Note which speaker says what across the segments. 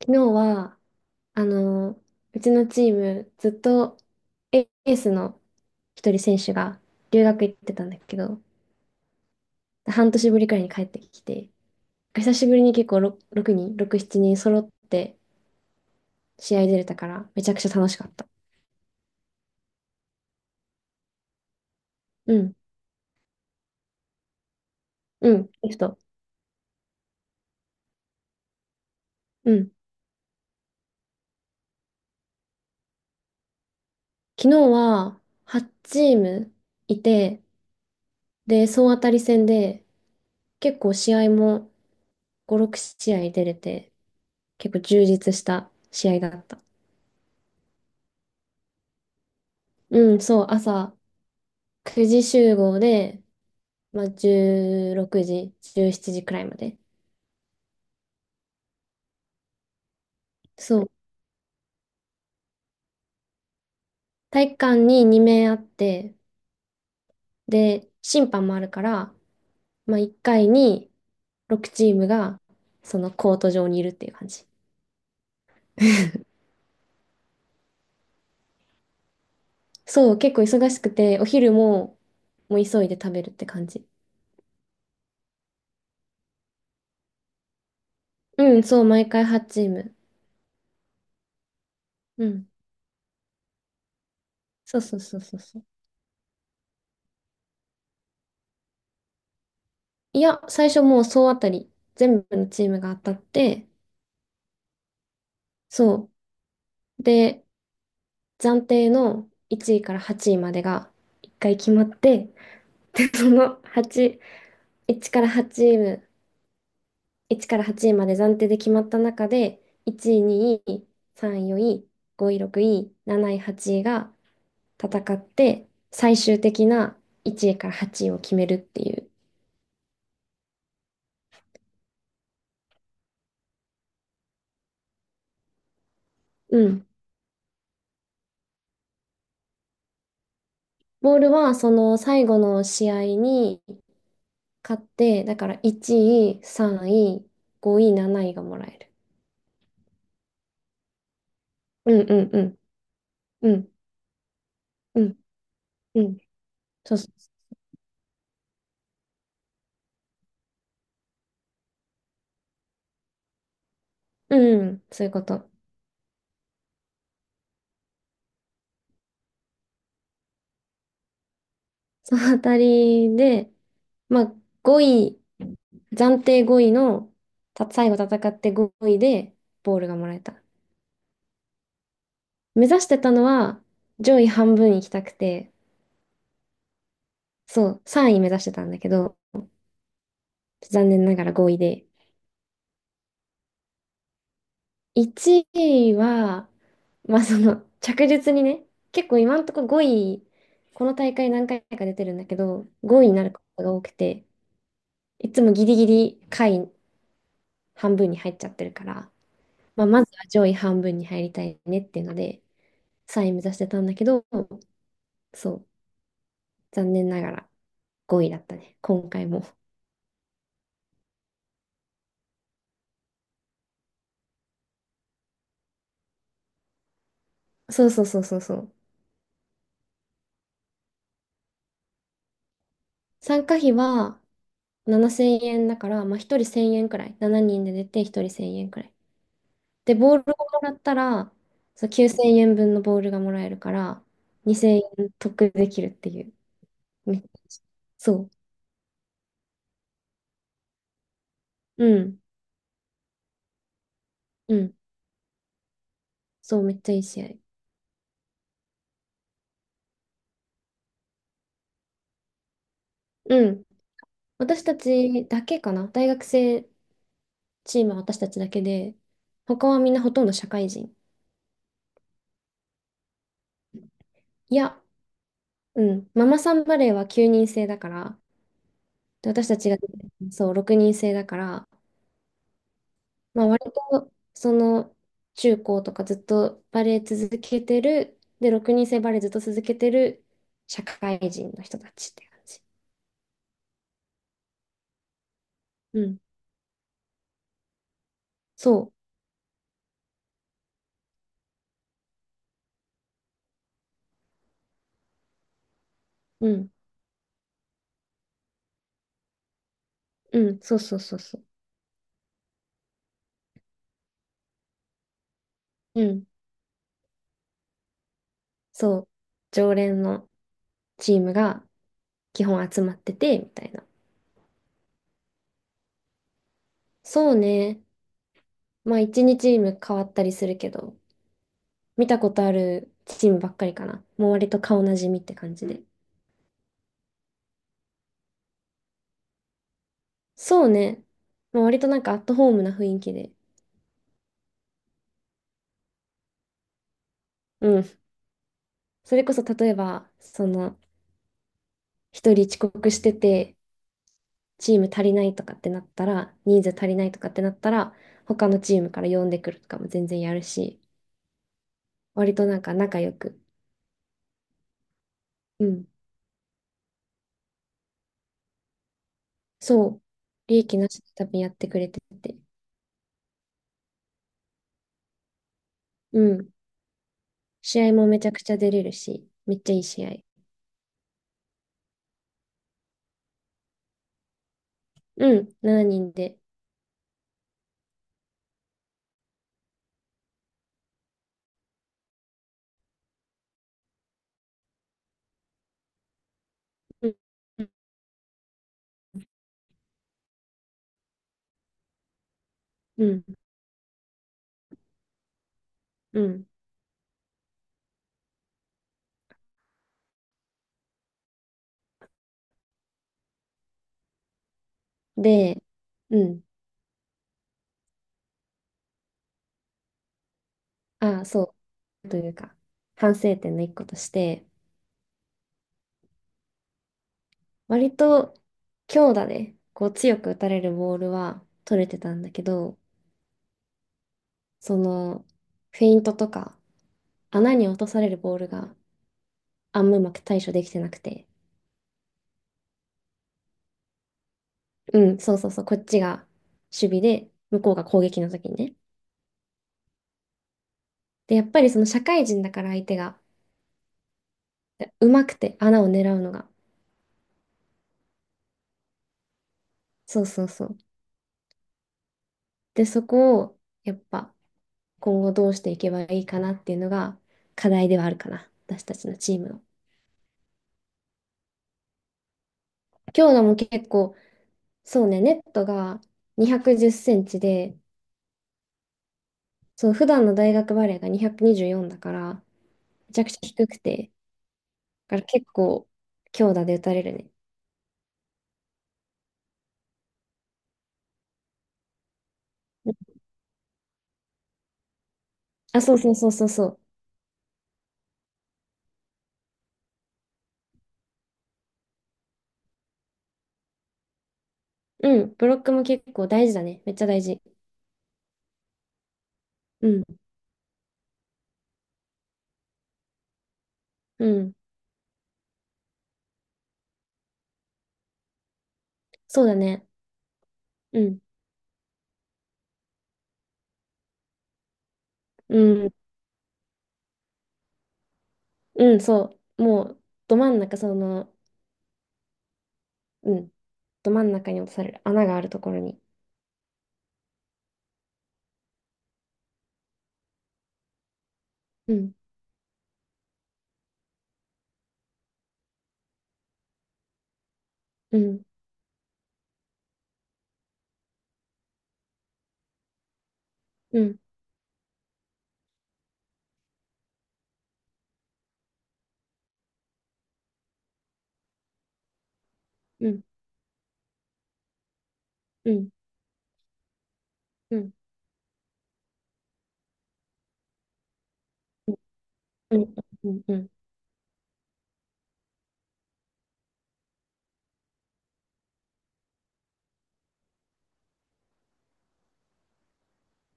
Speaker 1: 昨日は、あの、うちのチーム、ずっとエエースの一人選手が留学行ってたんだけど、半年ぶりくらいに帰ってきて、久しぶりに結構6人、6、7人揃って試合出れたから、めちゃくちゃ楽しかった。うん、うん、リフト。うん。昨日は8チームいて、で、総当たり戦で、結構試合も5、6試合出れて、結構充実した試合だった。うん、そう、朝、9時集合で、まあ、16時、17時くらいまで。そう。体育館に2名あって、で、審判もあるから、まあ、1回に6チームが、そのコート上にいるっていう感じ。そう、結構忙しくて、お昼も、もう急いで食べるって感じ。うん、そう、毎回8チーム。うん。そうそうそうそうそう。いや、最初もう総当たり、全部のチームが当たって、そう。で、暫定の1位から8位までが1回決まって、で、その8、1から8位、1から8位まで暫定で決まった中で、1位、2位、3位、4位、5位、6位、7位、8位が戦って、最終的な1位から8位を決めるっていう。うん。ボールはその最後の試合に勝って、だから1位、3位、5位、7位がもらえる。うんうんうん。うんうんうん。そうそう。うん、そういうこと。そのあたりで、まあ、5位、暫定5位の、最後戦って5位で、ボールがもらえた。目指してたのは、上位半分行きたくて、そう、3位目指してたんだけど、残念ながら5位で。1位は、まあ、着実にね、結構今んとこ5位、この大会何回か出てるんだけど、5位になることが多くて、いつもギリギリ下位半分に入っちゃってるから、まあ、まずは上位半分に入りたいねっていうので、3位目指してたんだけど、そう、残念ながら5位だったね、今回も。そうそうそうそうそう。参加費は7,000円だから、まあ、1人1000円くらい。7人で出て1人1000円くらい。で、ボールをもらったら、そう、9,000円分のボールがもらえるから、2000円得できるっていう。めっちゃいいしそう。うん。うん。そう、めっちゃいい試合。うん。私たちだけかな。大学生チームは私たちだけで、他はみんなほとんど社会人。いや、うん、ママさんバレーは9人制だから、で私たちがそう6人制だから、まあ、割とその中高とかずっとバレー続けてる、で、6人制バレーずっと続けてる社会人の人たちって感じ。うん、そう、うん、うん、そうそうそうそう、うん、そう、常連のチームが基本集まってて、みたいな。そうね。まあ1日チーム変わったりするけど、見たことあるチームばっかりかな。もう割と顔なじみって感じで。そうね。まあ、割となんかアットホームな雰囲気で。うん。それこそ例えば、一人遅刻してて、チーム足りないとかってなったら、人数足りないとかってなったら、他のチームから呼んでくるとかも全然やるし、割となんか仲良く。うん。そう。利益なしで多分やってくれてて。うん。試合もめちゃくちゃ出れるし、めっちゃいい試合。うん、7人で。うん、うん、うん。で、うん、あ、そう、というか、反省点の一個として、割と強打で、こう強く打たれるボールは取れてたんだけど、その、フェイントとか、穴に落とされるボールがあんまうまく対処できてなくて、うん、そうそうそう、こっちが守備で、向こうが攻撃の時にね。で、やっぱりその社会人だから相手が、うまくて穴を狙うのが。そうそうそう。で、そこをやっぱ今後どうしていけばいいかなっていうのが課題ではあるかな、私たちのチームの。強度も結構、そうね、ネットが210センチで、そう、普段の大学バレーが224だから、めちゃくちゃ低くて、だから結構強打で打たれるね。あ、そうそうそうそうそう。うん、ブロックも結構大事だね。めっちゃ大事。うん、うん、そうだね。うん、うん、うん、そう。もう、ど真ん中、その、うん、ど真ん中に落とされる穴があるところに。うん、うん、うん、うん、うん、うん、うん、うん、うん、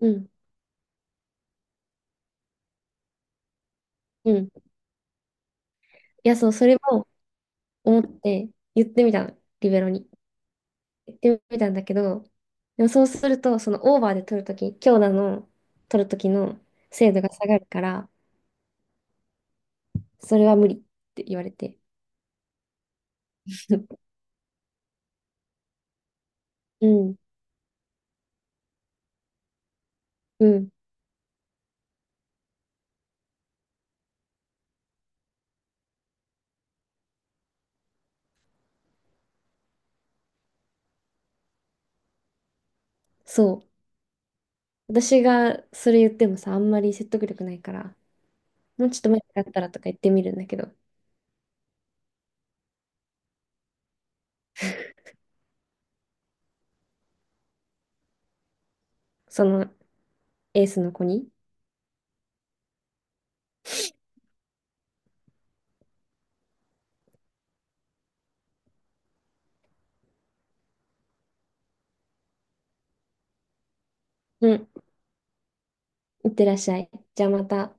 Speaker 1: うん、うん。いや、そう、それも思って言ってみたの、リベロに。言ってみたんだけど、でもそうすると、そのオーバーで取るとき、強打の取るときの精度が下がるから、それは無理って言われて。うん、うん、そう。私がそれ言ってもさ、あんまり説得力ないから、もうちょっと前だったらとか言ってみるんだけど、そのエースの子に。うん、いってらっしゃい。じゃあまた。